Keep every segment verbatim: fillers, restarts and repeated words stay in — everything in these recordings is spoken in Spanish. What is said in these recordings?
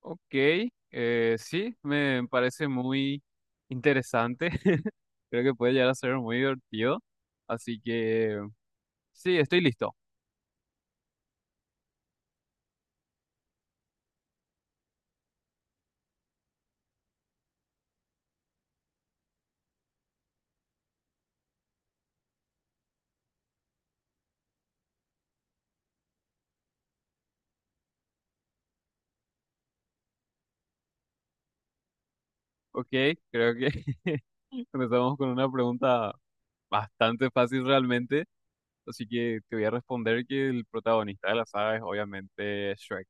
Ok, eh, sí, me parece muy interesante. Creo que puede llegar a ser muy divertido. Así que sí, estoy listo. Ok, creo que empezamos con una pregunta bastante fácil realmente. Así que te voy a responder que el protagonista de la saga es obviamente Shrek.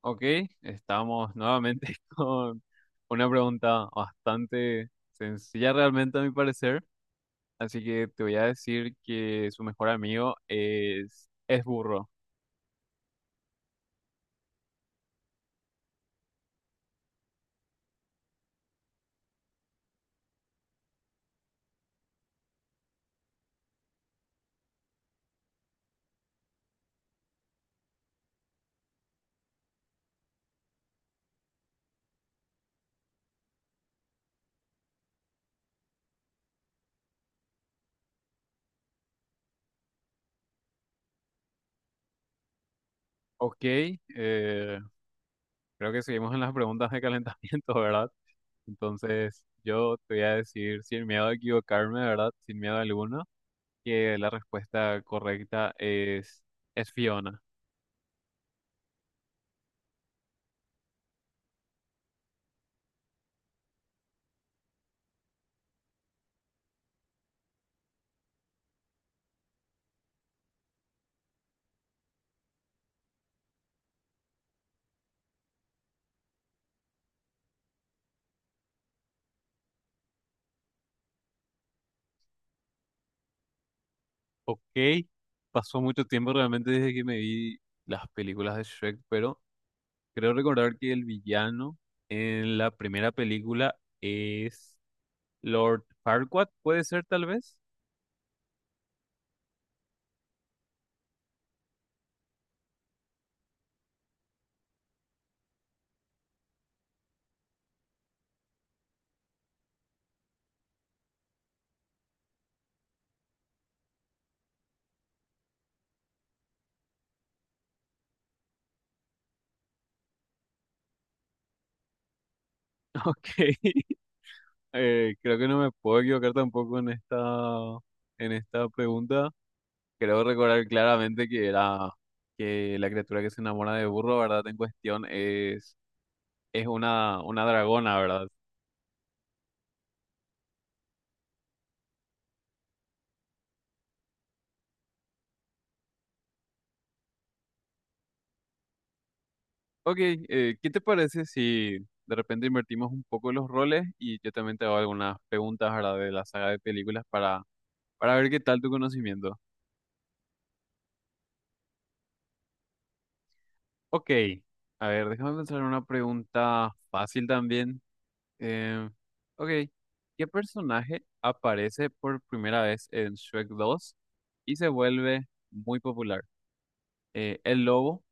Ok, estamos nuevamente con una pregunta bastante sencilla realmente a mi parecer. Así que te voy a decir que su mejor amigo es, es burro. Ok, eh, creo que seguimos en las preguntas de calentamiento, ¿verdad? Entonces yo te voy a decir sin miedo a equivocarme, ¿verdad? Sin miedo alguno, que la respuesta correcta es, es Fiona. Ok, pasó mucho tiempo realmente desde que me vi las películas de Shrek, pero creo recordar que el villano en la primera película es... Lord Farquaad, puede ser tal vez. Ok, eh, creo que no me puedo equivocar tampoco en esta, en esta pregunta. Creo recordar claramente que era que la criatura que se enamora de burro, ¿verdad? En cuestión es, es una, una dragona, ¿verdad? Ok, eh, ¿qué te parece si de repente invertimos un poco los roles y yo también te hago algunas preguntas, ¿verdad? De la saga de películas para, para ver qué tal tu conocimiento. Ok, a ver, déjame pensar en una pregunta fácil también. Eh, ok, ¿qué personaje aparece por primera vez en Shrek dos y se vuelve muy popular? Eh, ¿el lobo,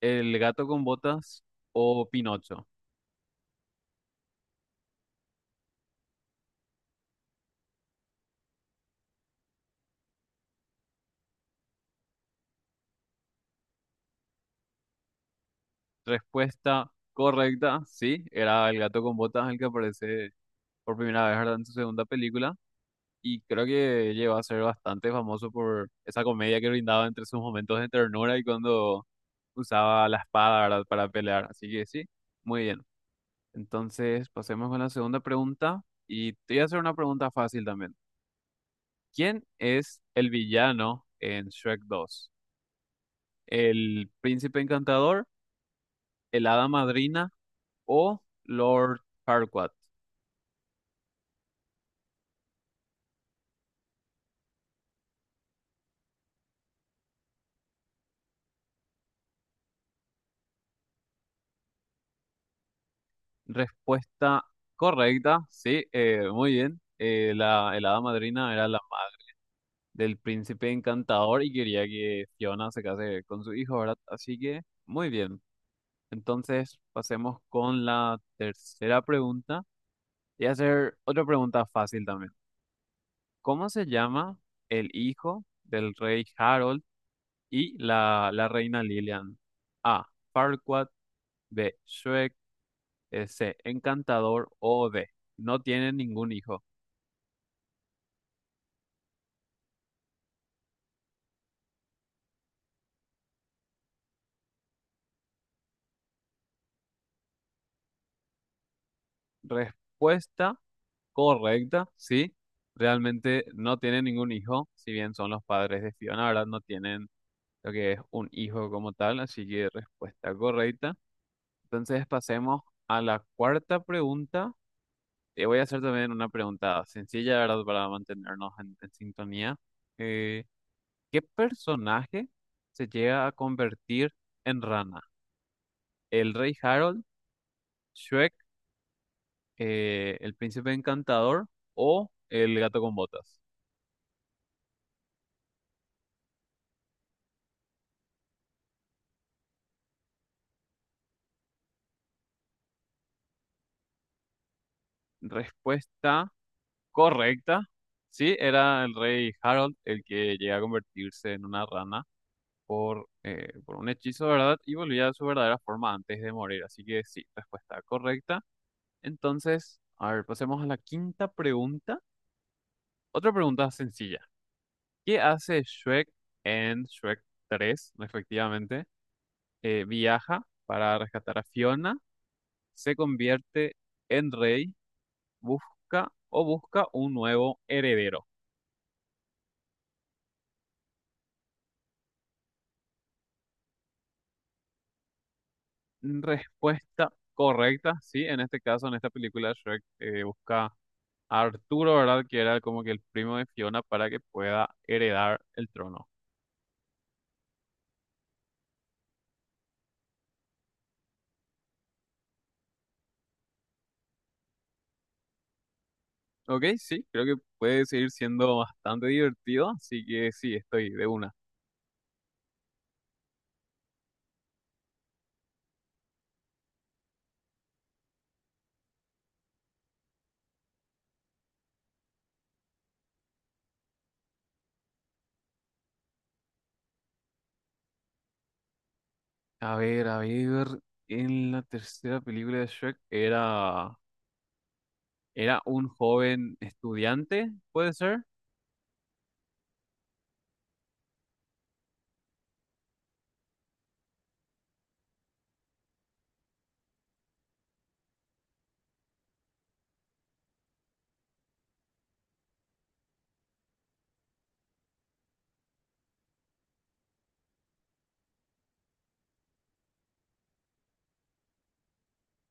el gato con botas o Pinocho? Respuesta correcta, sí, era el gato con botas el que aparece por primera vez, ¿verdad? En su segunda película y creo que llegó a ser bastante famoso por esa comedia que brindaba entre sus momentos de ternura y cuando usaba la espada, ¿verdad? Para pelear, así que sí, muy bien. Entonces, pasemos con la segunda pregunta y te voy a hacer una pregunta fácil también. ¿Quién es el villano en Shrek dos? ¿El príncipe encantador, el hada madrina o Lord Farquaad? Respuesta correcta, sí, eh, muy bien. Eh, la, el hada madrina era la madre del príncipe encantador y quería que Fiona se case con su hijo, ¿verdad? Así que, muy bien. Entonces, pasemos con la tercera pregunta. Y hacer otra pregunta fácil también. ¿Cómo se llama el hijo del rey Harold y la, la reina Lilian? A. Farquaad, B. Shrek, eh, C. Encantador o D. No tienen ningún hijo. Respuesta correcta, sí. Realmente no tienen ningún hijo, si bien son los padres de Fiona, ¿verdad? No tienen lo que es un hijo como tal, así que respuesta correcta. Entonces pasemos a la cuarta pregunta. Te voy a hacer también una pregunta sencilla, ¿verdad? Para mantenernos en, en sintonía. Eh, ¿qué personaje se llega a convertir en rana? ¿El rey Harold, Shrek, eh, el príncipe encantador o el gato con botas? Respuesta correcta. Sí, era el rey Harold el que llega a convertirse en una rana por, eh, por un hechizo, ¿verdad? Y volvía a su verdadera forma antes de morir. Así que sí, respuesta correcta. Entonces, a ver, pasemos a la quinta pregunta. Otra pregunta sencilla. ¿Qué hace Shrek en Shrek tres, respectivamente? Eh, viaja para rescatar a Fiona, se convierte en rey, busca o busca un nuevo heredero. Respuesta correcta, sí, en este caso, en esta película, Shrek eh, busca a Arturo, ¿verdad? Que era como que el primo de Fiona para que pueda heredar el trono. Ok, sí, creo que puede seguir siendo bastante divertido, así que sí, estoy de una. A ver, a ver, en la tercera película de Shrek era, era un joven estudiante, ¿puede ser?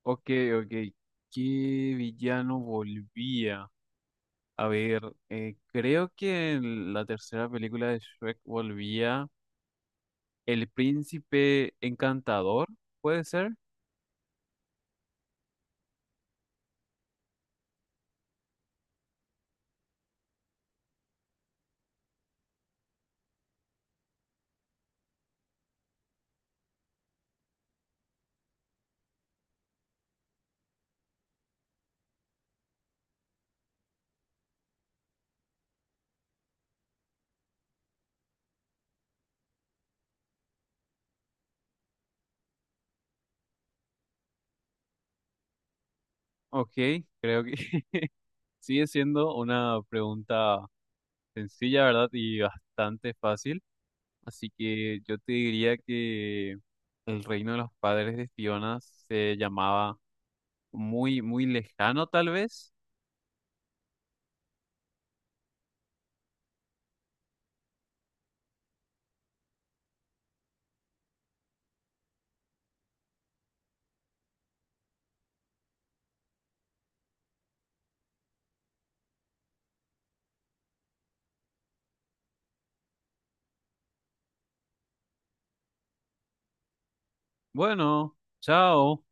Ok, ok, ¿qué villano volvía? A ver, eh, creo que en la tercera película de Shrek volvía el príncipe encantador, ¿puede ser? Ok, creo que sigue siendo una pregunta sencilla, ¿verdad? Y bastante fácil. Así que yo te diría que el reino de los padres de Fiona se llamaba muy, muy lejano, tal vez. Bueno, chao.